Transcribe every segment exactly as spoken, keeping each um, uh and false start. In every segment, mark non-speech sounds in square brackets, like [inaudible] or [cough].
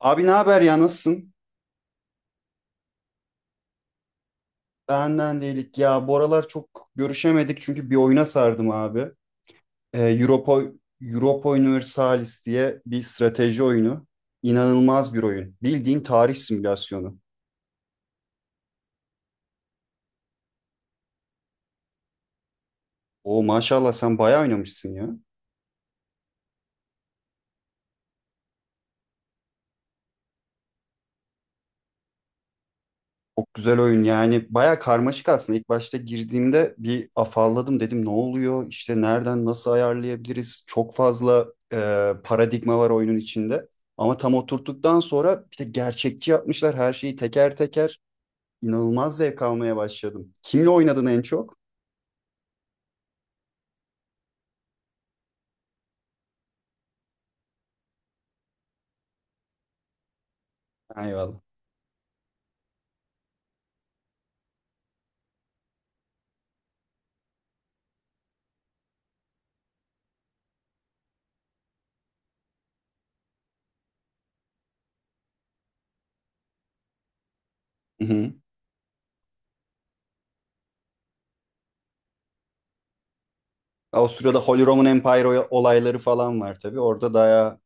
Abi, ne haber ya, nasılsın? Benden değilik ya. Bu aralar çok görüşemedik çünkü bir oyuna sardım abi. Ee, Europa, Europa Universalis diye bir strateji oyunu. İnanılmaz bir oyun. Bildiğin tarih simülasyonu. O maşallah, sen bayağı oynamışsın ya. Çok güzel oyun yani, baya karmaşık aslında. İlk başta girdiğimde bir afalladım, dedim ne oluyor işte, nereden nasıl ayarlayabiliriz, çok fazla e, paradigma var oyunun içinde, ama tam oturttuktan sonra, bir de gerçekçi yapmışlar her şeyi teker teker, inanılmaz zevk almaya başladım. Kimle oynadın en çok? Ha, eyvallah. Hı hı. O sırada Holy Roman Empire oy- olayları falan var tabii orada. Daha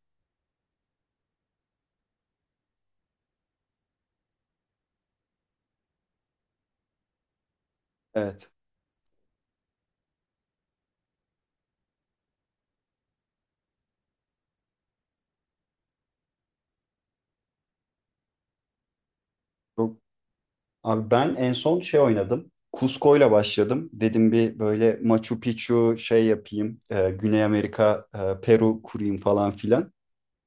evet, çok. Abi, ben en son şey oynadım. Cusco'yla başladım. Dedim bir böyle Machu Picchu şey yapayım. e, Güney Amerika, e, Peru kurayım falan filan.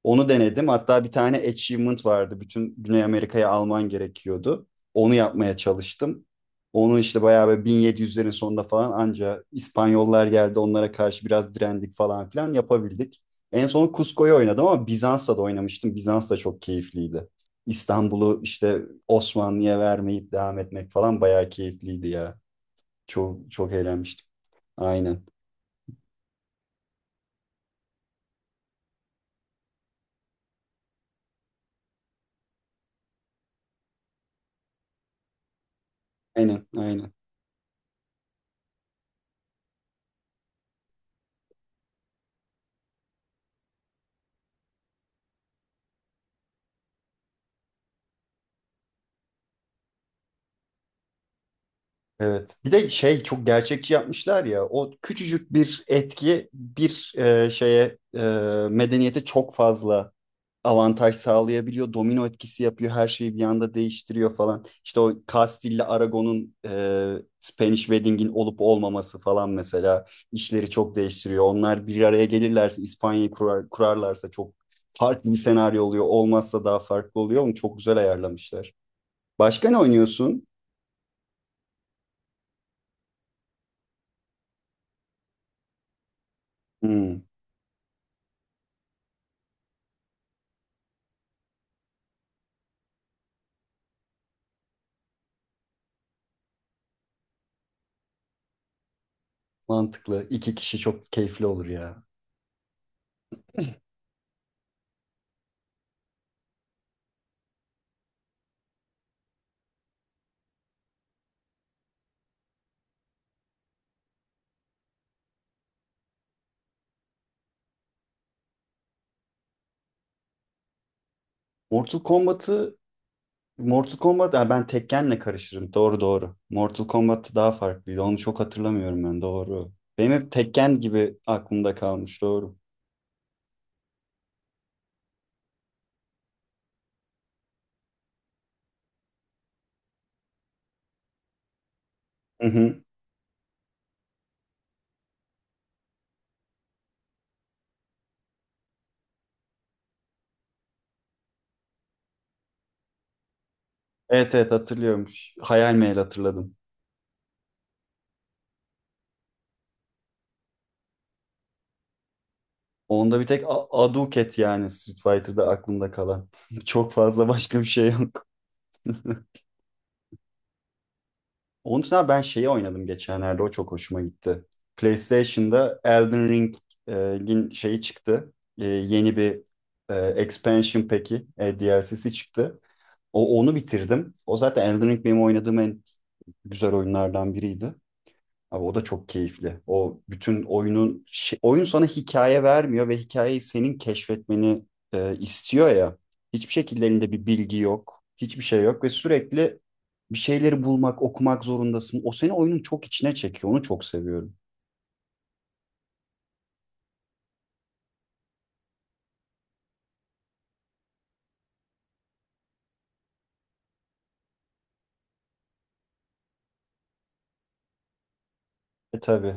Onu denedim. Hatta bir tane achievement vardı. Bütün Güney Amerika'ya alman gerekiyordu. Onu yapmaya çalıştım. Onu işte bayağı böyle bin yedi yüzlerin sonunda falan anca İspanyollar geldi, onlara karşı biraz direndik falan filan yapabildik. En son Cusco'yu oynadım ama Bizans'ta da oynamıştım. Bizans da çok keyifliydi. İstanbul'u işte Osmanlı'ya vermeyip devam etmek falan bayağı keyifliydi ya. Çok çok eğlenmiştim. Aynen. Aynen, aynen. Evet. Bir de şey, çok gerçekçi yapmışlar ya. O küçücük bir etki bir e, şeye e, medeniyete çok fazla avantaj sağlayabiliyor. Domino etkisi yapıyor. Her şeyi bir anda değiştiriyor falan. İşte o Castille'le Aragon'un e, Spanish Wedding'in olup olmaması falan mesela işleri çok değiştiriyor. Onlar bir araya gelirlerse İspanya'yı kurar, kurarlarsa çok farklı bir senaryo oluyor. Olmazsa daha farklı oluyor. Onu çok güzel ayarlamışlar. Başka ne oynuyorsun? Hmm, mantıklı. İki kişi çok keyifli olur ya. Mortal Kombat'ı Mortal Kombat, ha, ben Tekken'le karıştırdım. Doğru doğru. Mortal Kombat daha farklıydı. Onu çok hatırlamıyorum ben. Doğru. Benim hep Tekken gibi aklımda kalmış. Doğru. Hı hı. Evet evet, hatırlıyorum. Ş- Hayal meyal hatırladım. Onda bir tek A- Aduket yani, Street Fighter'da aklımda kalan. [laughs] Çok fazla başka bir şey yok. Onun için abi, ben şeyi oynadım geçenlerde. O çok hoşuma gitti. PlayStation'da Elden Ring'in şeyi çıktı. E, yeni bir e, expansion peki. E, D L C'si çıktı. O, onu bitirdim. O zaten Elden Ring benim oynadığım en güzel oyunlardan biriydi. Abi, o da çok keyifli. O bütün oyunun şey- oyun sana hikaye vermiyor ve hikayeyi senin keşfetmeni e, istiyor ya. Hiçbir şekilde elinde bir bilgi yok. Hiçbir şey yok ve sürekli bir şeyleri bulmak, okumak zorundasın. O seni oyunun çok içine çekiyor. Onu çok seviyorum. E tabii.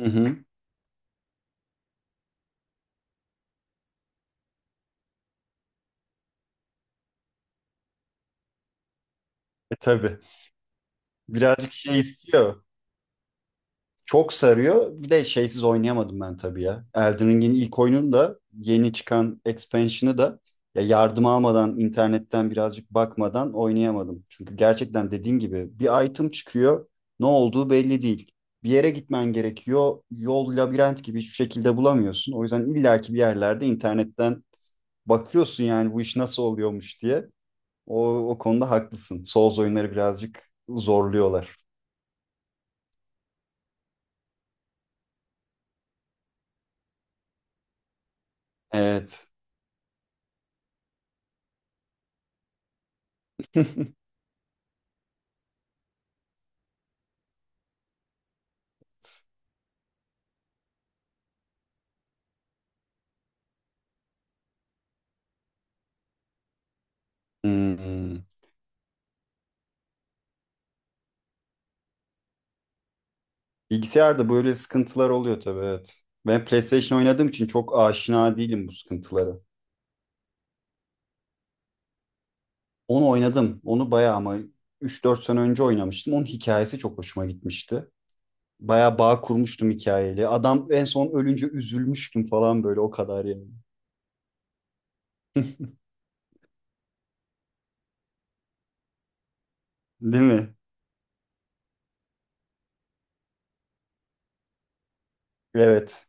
Hı hı. E tabii. Birazcık şey istiyor. Çok sarıyor. Bir de şeysiz oynayamadım ben tabii ya. Elden Ring'in ilk oyununu da, yeni çıkan expansion'ı da ya, yardım almadan, internetten birazcık bakmadan oynayamadım. Çünkü gerçekten dediğin gibi bir item çıkıyor, ne olduğu belli değil. Bir yere gitmen gerekiyor. Yol labirent gibi, hiçbir şekilde bulamıyorsun. O yüzden illaki bir yerlerde internetten bakıyorsun yani bu iş nasıl oluyormuş diye. O, o konuda haklısın. Souls oyunları birazcık zorluyorlar. Evet. [laughs] Hmm. Bilgisayarda böyle sıkıntılar oluyor tabii, evet. Ben PlayStation oynadığım için çok aşina değilim bu sıkıntılara. Onu oynadım. Onu bayağı ama üç dört sene önce oynamıştım. Onun hikayesi çok hoşuma gitmişti. Bayağı bağ kurmuştum hikayeyle. Adam en son ölünce üzülmüştüm falan, böyle o kadar yani. Değil mi? Evet.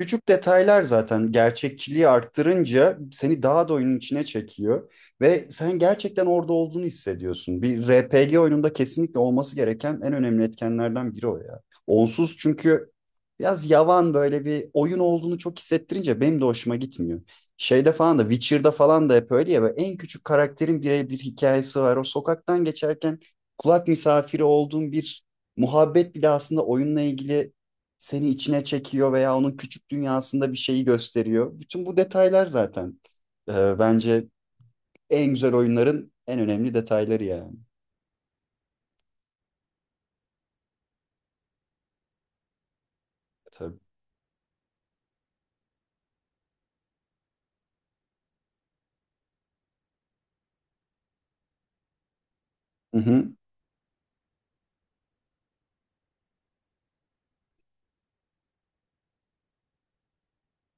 Küçük detaylar zaten gerçekçiliği arttırınca seni daha da oyunun içine çekiyor ve sen gerçekten orada olduğunu hissediyorsun. Bir R P G oyununda kesinlikle olması gereken en önemli etkenlerden biri o ya. Onsuz çünkü biraz yavan, böyle bir oyun olduğunu çok hissettirince benim de hoşuma gitmiyor. Şeyde falan da, Witcher'da falan da hep öyle ya, böyle en küçük karakterin birebir hikayesi var. O sokaktan geçerken kulak misafiri olduğun bir muhabbet bile aslında oyunla ilgili seni içine çekiyor veya onun küçük dünyasında bir şeyi gösteriyor. Bütün bu detaylar zaten e, bence en güzel oyunların en önemli detayları yani. Tabii. Hı hı.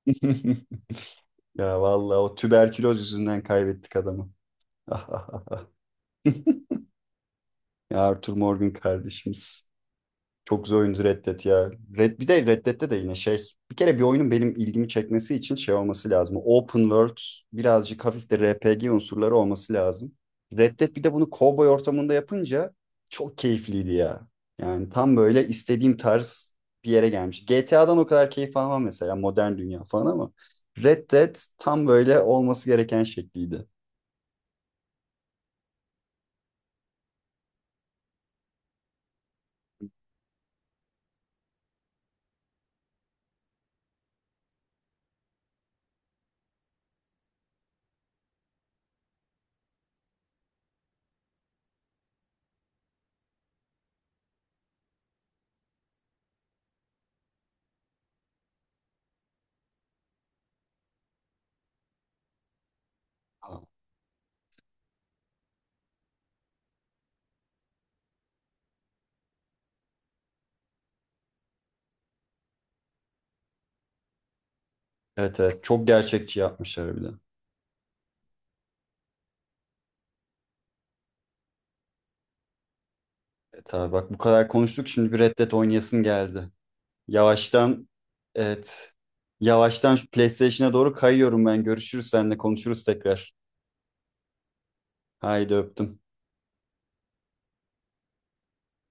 [laughs] Ya vallahi, o tüberküloz yüzünden kaybettik adamı. [laughs] Ya, Arthur Morgan kardeşimiz. Çok güzel oyundu Red Dead ya. Red, bir de Red Dead'de de yine şey. Bir kere bir oyunun benim ilgimi çekmesi için şey olması lazım. Open world, birazcık hafif de R P G unsurları olması lazım. Red Dead bir de bunu cowboy ortamında yapınca çok keyifliydi ya. Yani tam böyle istediğim tarz bir yere gelmiş. G T A'dan o kadar keyif almam mesela, modern dünya falan, ama Red Dead tam böyle olması gereken şekliydi. Evet evet, çok gerçekçi yapmışlar bir de. Evet abi, bak bu kadar konuştuk, şimdi bir Red Dead oynayasım geldi. Yavaştan, evet. Yavaştan şu PlayStation'a doğru kayıyorum ben. Görüşürüz, seninle konuşuruz tekrar. Haydi öptüm.